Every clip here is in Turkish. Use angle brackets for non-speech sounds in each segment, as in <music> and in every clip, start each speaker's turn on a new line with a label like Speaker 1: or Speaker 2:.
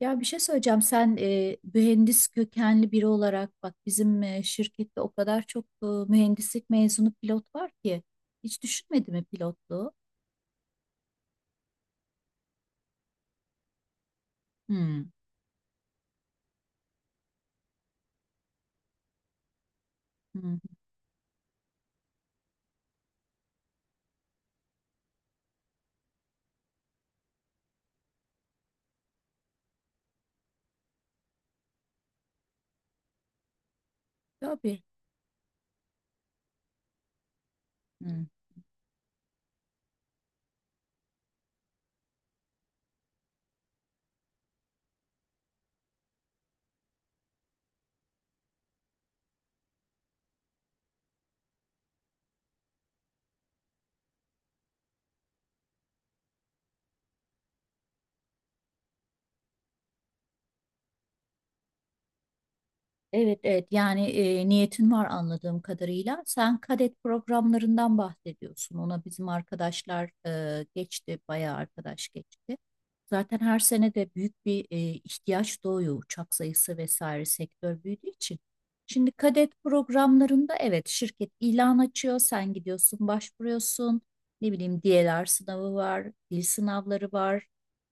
Speaker 1: Ya bir şey söyleyeceğim. Sen mühendis kökenli biri olarak bak, bizim şirkette o kadar çok mühendislik mezunu pilot var ki hiç düşünmedi mi pilotluğu? Hmm. Hmm. Tabii. Hmm. Evet, evet, yani niyetin var anladığım kadarıyla. Sen kadet programlarından bahsediyorsun. Ona bizim arkadaşlar geçti, bayağı arkadaş geçti. Zaten her sene de büyük bir ihtiyaç doğuyor, uçak sayısı vesaire, sektör büyüdüğü için. Şimdi kadet programlarında evet, şirket ilan açıyor, sen gidiyorsun, başvuruyorsun. Ne bileyim DLR sınavı var, dil sınavları var,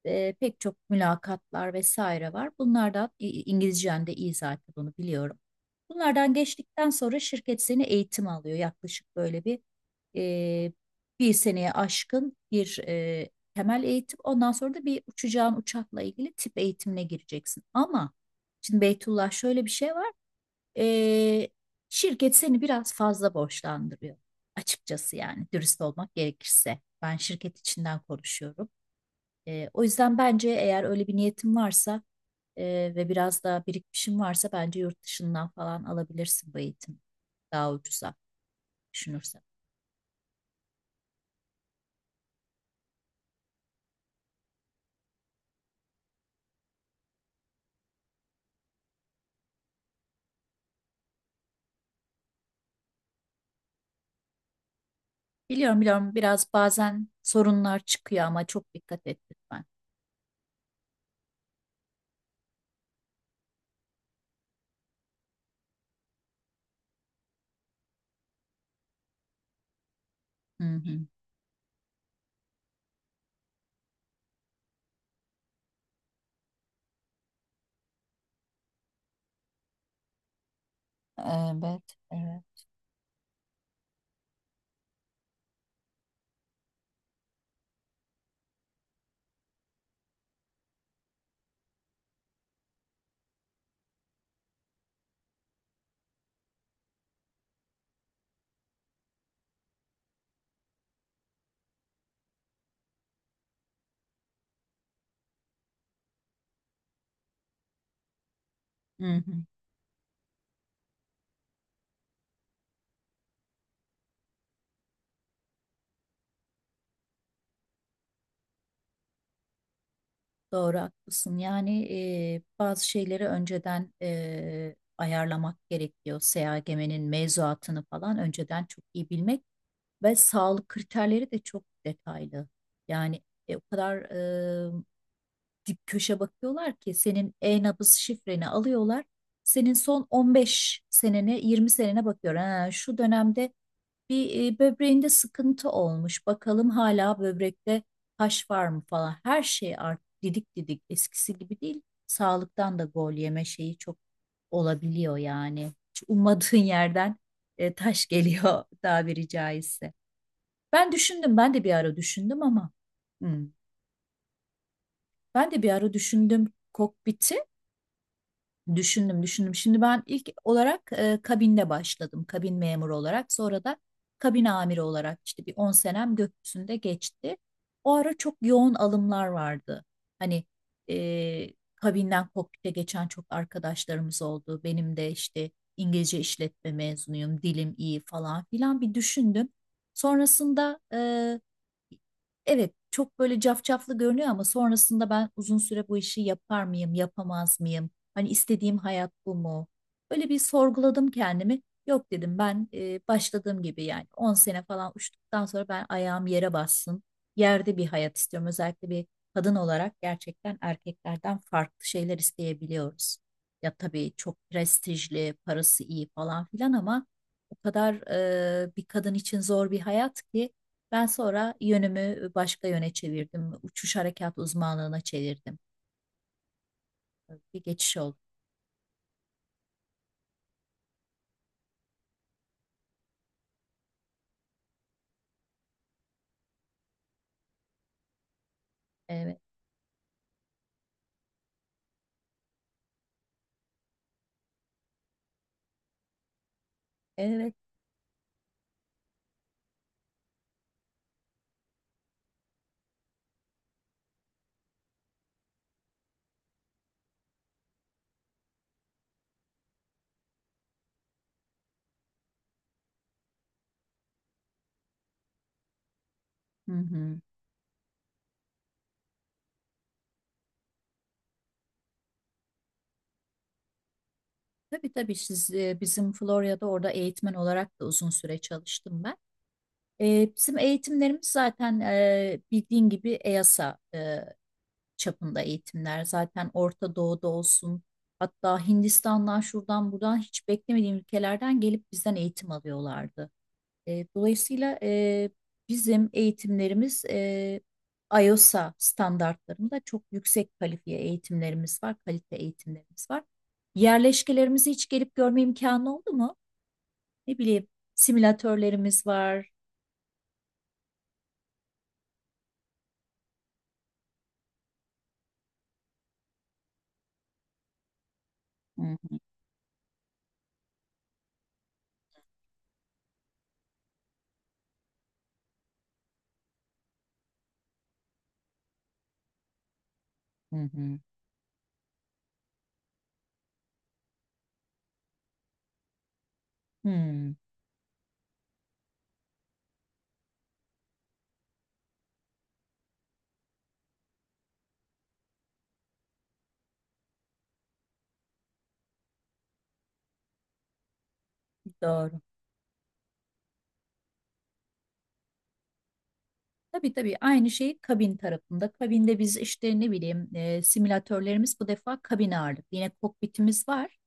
Speaker 1: pek çok mülakatlar vesaire var. Bunlardan İngilizcen de iyi zaten, bunu biliyorum. Bunlardan geçtikten sonra şirket seni eğitim alıyor. Yaklaşık böyle e, bir seneye aşkın bir temel eğitim. Ondan sonra da bir uçacağın uçakla ilgili tip eğitimine gireceksin. Ama şimdi Beytullah, şöyle bir şey var. E, şirket seni biraz fazla borçlandırıyor. Açıkçası, yani dürüst olmak gerekirse. Ben şirket içinden konuşuyorum. O yüzden bence eğer öyle bir niyetim varsa e, ve biraz daha birikmişim varsa, bence yurt dışından falan alabilirsin bu eğitim daha ucuza düşünürsen. Biliyorum, biliyorum, biraz bazen sorunlar çıkıyor ama çok dikkat et lütfen. Hı hı, hı hı. Doğru, haklısın. Yani bazı şeyleri önceden ayarlamak gerekiyor. SEAGM'nin mevzuatını falan önceden çok iyi bilmek ve sağlık kriterleri de çok detaylı. Yani o kadar dip köşe bakıyorlar ki senin e-nabız şifreni alıyorlar. Senin son 15 senene, 20 senene bakıyor. Ha, şu dönemde bir böbreğinde sıkıntı olmuş. Bakalım hala böbrekte taş var mı falan. Her şey artık didik didik, eskisi gibi değil. Sağlıktan da gol yeme şeyi çok olabiliyor yani. Hiç ummadığın yerden taş geliyor <laughs> tabiri caizse. Ben düşündüm, ben de bir ara düşündüm ama hmm, ben de bir ara düşündüm kokpiti. Düşündüm, düşündüm. Şimdi ben ilk olarak kabinde başladım. Kabin memuru olarak. Sonra da kabin amiri olarak işte bir 10 senem gökyüzünde geçti. O ara çok yoğun alımlar vardı. Hani e, kabinden kokpite geçen çok arkadaşlarımız oldu. Benim de işte İngilizce işletme mezunuyum, dilim iyi falan filan, bir düşündüm. Sonrasında evet, çok böyle cafcaflı görünüyor ama sonrasında ben uzun süre bu işi yapar mıyım, yapamaz mıyım? Hani istediğim hayat bu mu? Böyle bir sorguladım kendimi. Yok dedim, ben başladığım gibi yani 10 sene falan uçtuktan sonra ben ayağım yere bassın. Yerde bir hayat istiyorum. Özellikle bir kadın olarak gerçekten erkeklerden farklı şeyler isteyebiliyoruz. Ya tabii çok prestijli, parası iyi falan filan ama o kadar bir kadın için zor bir hayat ki ben sonra yönümü başka yöne çevirdim. Uçuş harekat uzmanlığına çevirdim. Bir geçiş oldu. Evet. Evet. Hı hı. Tabii, tabii, bizim Florya'da orada eğitmen olarak da uzun süre çalıştım ben. Bizim eğitimlerimiz zaten bildiğin gibi EASA çapında eğitimler. Zaten Orta Doğu'da olsun, hatta Hindistan'dan, şuradan buradan hiç beklemediğim ülkelerden gelip bizden eğitim alıyorlardı. Dolayısıyla bizim eğitimlerimiz IOSA standartlarında çok yüksek kalifiye eğitimlerimiz var, kalite eğitimlerimiz var. Yerleşkelerimizi hiç gelip görme imkanı oldu mu? Ne bileyim, simülatörlerimiz var. Hı hı, hı hı, hı. Doğru. Tabii, tabii, aynı şey kabin tarafında. Kabinde biz işte ne bileyim simülatörlerimiz bu defa kabin ağırlık. Yine kokpitimiz var.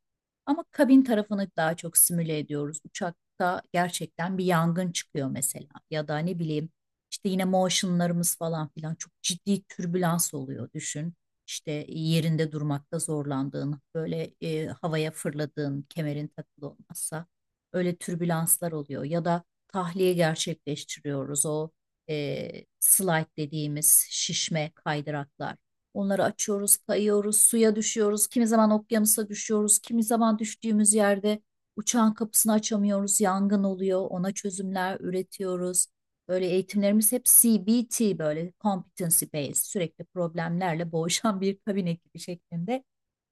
Speaker 1: Ama kabin tarafını daha çok simüle ediyoruz. Uçakta gerçekten bir yangın çıkıyor mesela, ya da ne bileyim işte yine motionlarımız falan filan, çok ciddi türbülans oluyor düşün. İşte yerinde durmakta zorlandığın, böyle havaya fırladığın, kemerin takılı olmazsa öyle türbülanslar oluyor ya da tahliye gerçekleştiriyoruz o e, slide dediğimiz şişme kaydıraklar. Onları açıyoruz, kayıyoruz, suya düşüyoruz. Kimi zaman okyanusa düşüyoruz. Kimi zaman düştüğümüz yerde uçağın kapısını açamıyoruz. Yangın oluyor. Ona çözümler üretiyoruz. Böyle eğitimlerimiz hep CBT, böyle competency based, sürekli problemlerle <laughs> boğuşan bir kabin ekibi şeklinde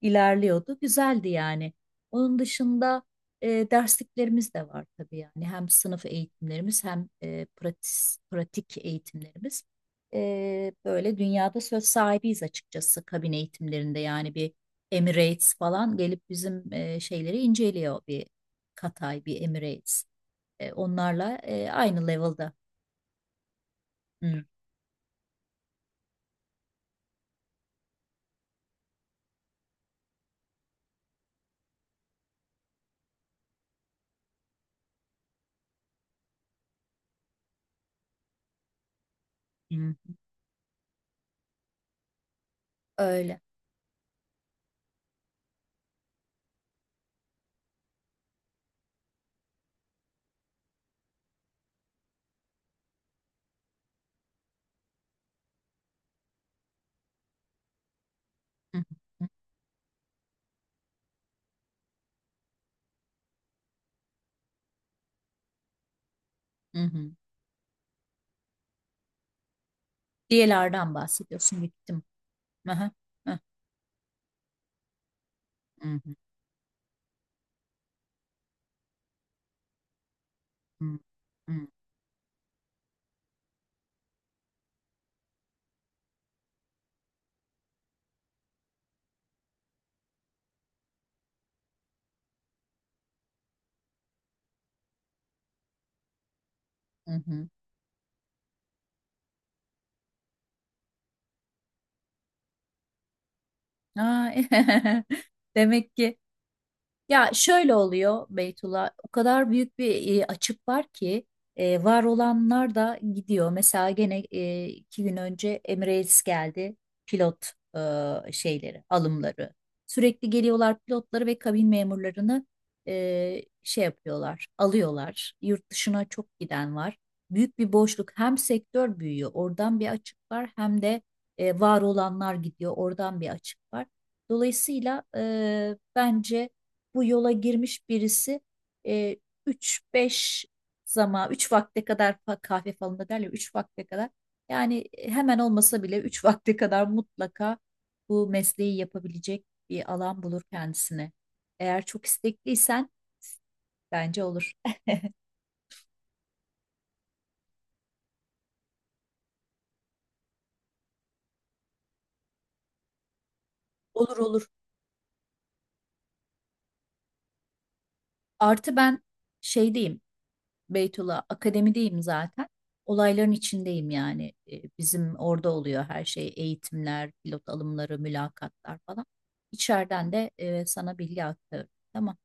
Speaker 1: ilerliyordu. Güzeldi yani. Onun dışında dersliklerimiz de var tabii, yani hem sınıf eğitimlerimiz hem pratik eğitimlerimiz, böyle dünyada söz sahibiyiz açıkçası kabin eğitimlerinde, yani bir Emirates falan gelip bizim şeyleri inceliyor, bir Katay, bir Emirates. Onlarla aynı level'da. Hı, hı. Öyle. Hı, hı, hı, hı. Diyelerden bahsediyorsun, gittim. Aha, aha. Hı, hı, hı, hı, hı, hı. Ay, <laughs> demek ki. Ya şöyle oluyor Beytullah, o kadar büyük bir açık var ki var olanlar da gidiyor. Mesela gene 2 gün önce Emirates geldi pilot şeyleri, alımları. Sürekli geliyorlar, pilotları ve kabin memurlarını şey yapıyorlar, alıyorlar. Yurt dışına çok giden var. Büyük bir boşluk. Hem sektör büyüyor, oradan bir açık var. Hem de var olanlar gidiyor, oradan bir açık var. Dolayısıyla bence bu yola girmiş birisi e, 3-5 zaman, 3 vakte kadar, kahve falında derler, 3 vakte kadar, yani hemen olmasa bile 3 <laughs> vakte kadar mutlaka bu mesleği yapabilecek bir alan bulur kendisine. Eğer çok istekliysen bence olur. Olur, olur. Artı ben şeydeyim Beytullah, akademideyim zaten. Olayların içindeyim yani. Bizim orada oluyor her şey. Eğitimler, pilot alımları, mülakatlar falan. İçeriden de sana bilgi aktarıyorum. Tamam.